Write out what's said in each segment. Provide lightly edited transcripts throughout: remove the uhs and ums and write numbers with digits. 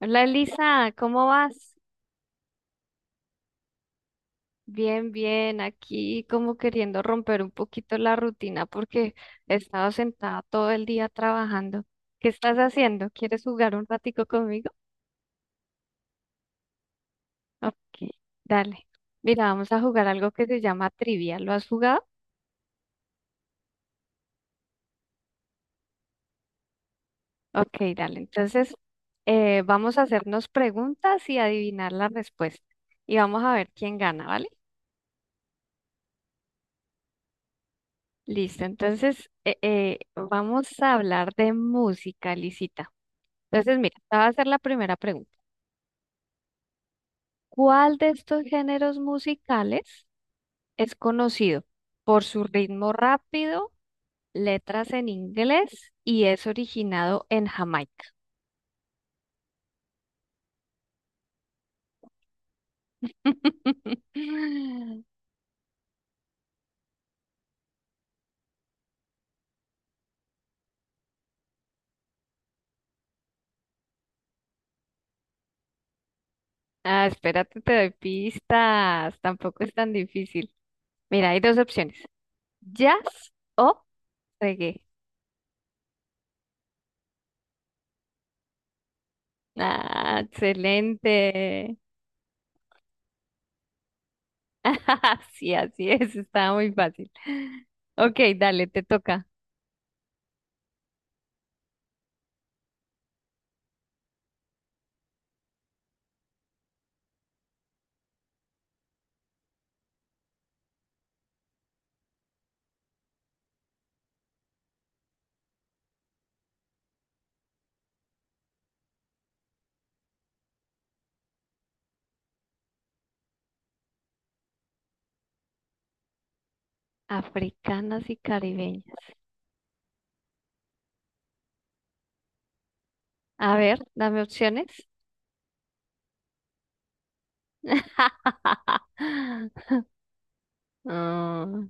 Hola Elisa, ¿cómo vas? Bien, bien, aquí como queriendo romper un poquito la rutina porque he estado sentada todo el día trabajando. ¿Qué estás haciendo? ¿Quieres jugar un ratico conmigo? Ok, dale. Mira, vamos a jugar algo que se llama trivia. ¿Lo has jugado? Ok, dale. Entonces, vamos a hacernos preguntas y adivinar la respuesta. Y vamos a ver quién gana, ¿vale? Listo, entonces vamos a hablar de música, Lisita. Entonces, mira, te voy a hacer la primera pregunta. ¿Cuál de estos géneros musicales es conocido por su ritmo rápido, letras en inglés y es originado en Jamaica? Ah, espérate, te doy pistas. Tampoco es tan difícil. Mira, hay dos opciones: jazz o reggae. Ah, excelente. Sí, así es, estaba muy fácil. Ok, dale, te toca. Africanas y caribeñas. A ver, dame opciones. Ah,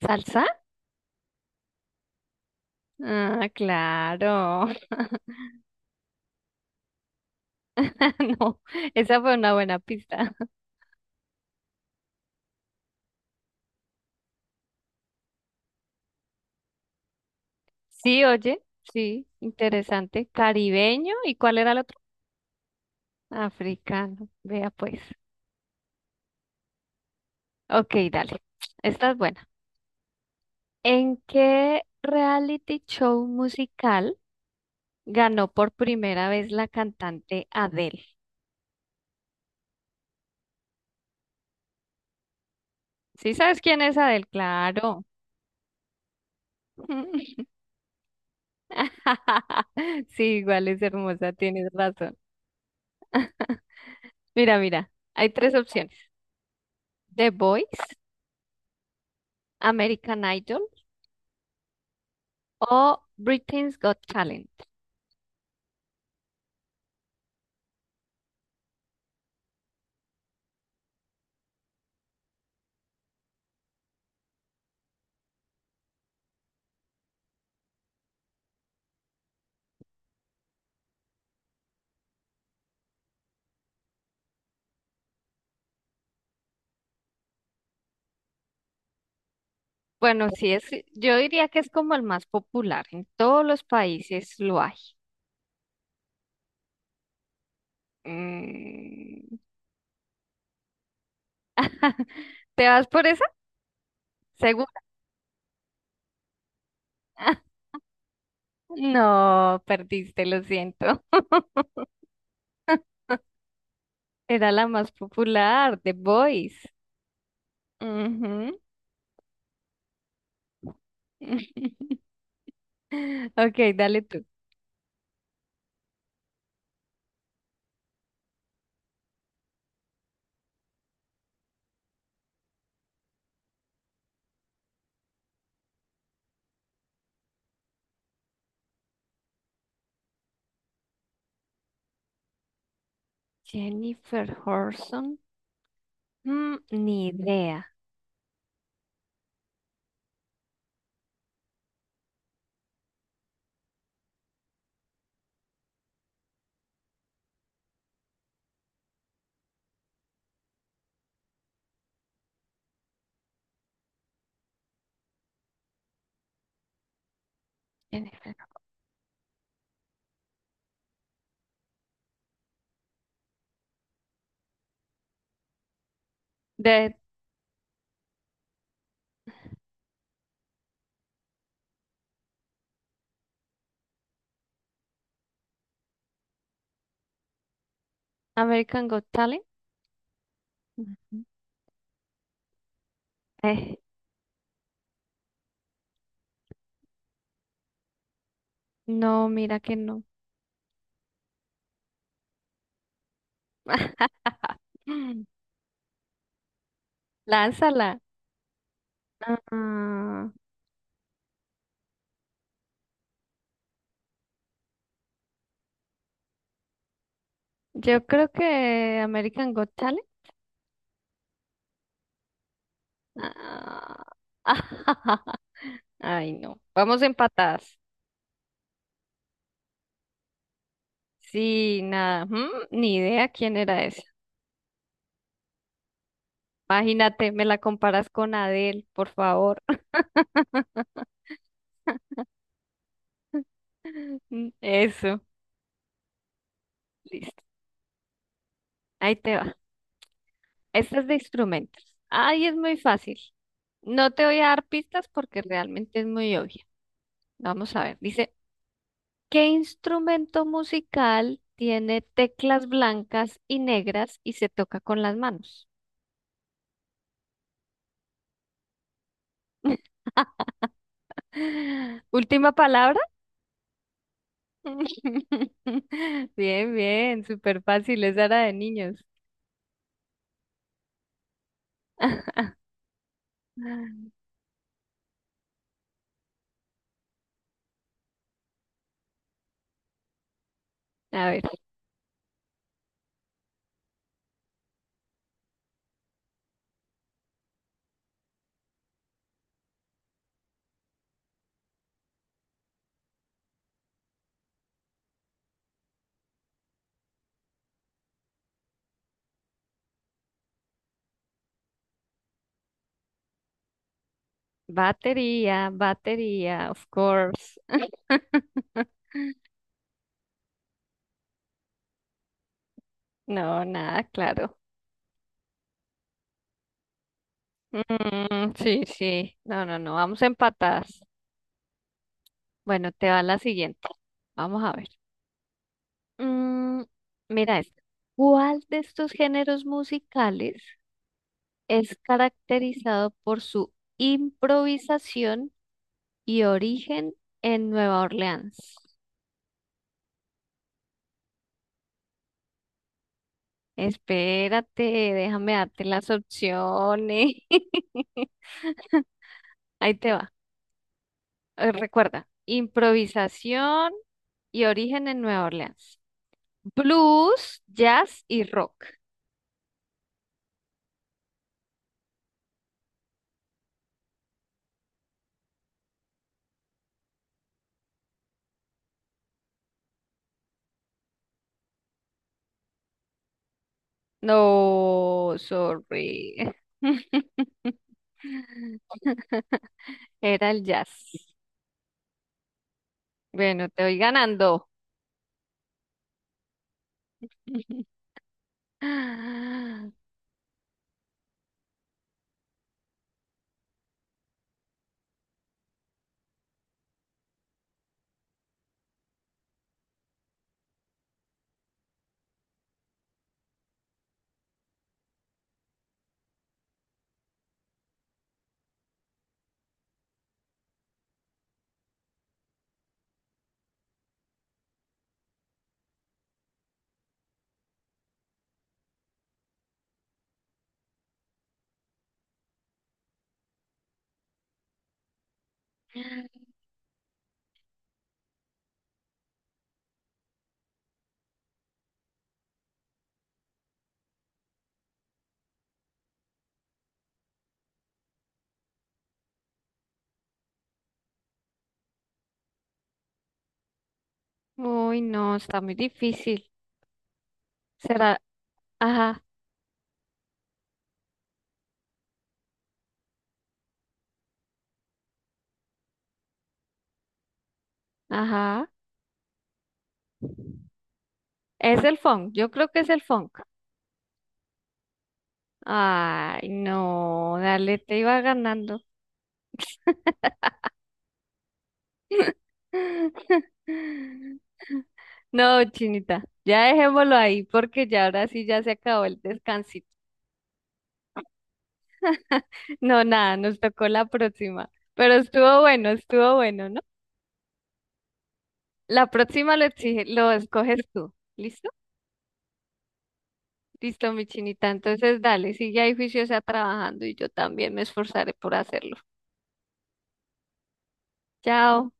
¿salsa? Ah, claro. No, esa fue una buena pista. Sí, oye, sí, interesante. Caribeño, ¿y cuál era el otro? Africano, vea pues. Ok, dale. Esta es buena. ¿En qué reality show musical ganó por primera vez la cantante Adele? Sí, sabes quién es Adele, claro. Sí, igual es hermosa, tienes razón. Mira, mira, hay tres opciones. The Voice, American Idol o Britain's Got Talent. Bueno, sí es, yo diría que es como el más popular. En todos los países lo hay. Mm. ¿Te vas por esa? ¿Segura? No, perdiste, lo siento. Era la más popular, The Voice. Ujú. Ok, dale tú. Jennifer Horson. Mm, ni idea. Jennifer- De American Got Talent. Ujú. Eh, no, mira que no. Lánzala. Ah, yo creo que American Got Talent. Ah. Ay, no. Vamos empatadas. Sí, nada. Mm, ni idea quién era esa. Imagínate, me la comparas con Adele, por favor. Eso. Listo. Ahí te va. Esta es de instrumentos. Ay, es muy fácil. No te voy a dar pistas porque realmente es muy obvia. Vamos a ver. Dice, ¿qué instrumento musical tiene teclas blancas y negras y se toca con las manos? Última palabra. Bien, bien, súper fácil. Esa era de niños. A ver, batería, batería, of course. No, nada, claro. Mm, sí, sí. No, no, no. Vamos empatadas. Bueno, te va la siguiente. Vamos a ver. Mm, mira esta. ¿Cuál de estos géneros musicales es caracterizado por su improvisación y origen en Nueva Orleans? Espérate, déjame darte las opciones. Ahí te va. Recuerda, improvisación y origen en Nueva Orleans. Blues, jazz y rock. No, sorry. Era el jazz. Bueno, te voy ganando. Uy, no, está muy difícil. Será, ajá, ajá. Es el funk, yo creo que es el funk. Ay, no, dale, te iba ganando. No, Chinita, ya dejémoslo ahí porque ya ahora sí ya se acabó el descansito. No, nada, nos tocó la próxima. Pero estuvo bueno, ¿no? La próxima lo exige, lo escoges tú. ¿Listo? Listo, mi chinita. Entonces, dale, sigue ahí juiciosa trabajando y yo también me esforzaré por hacerlo. Chao.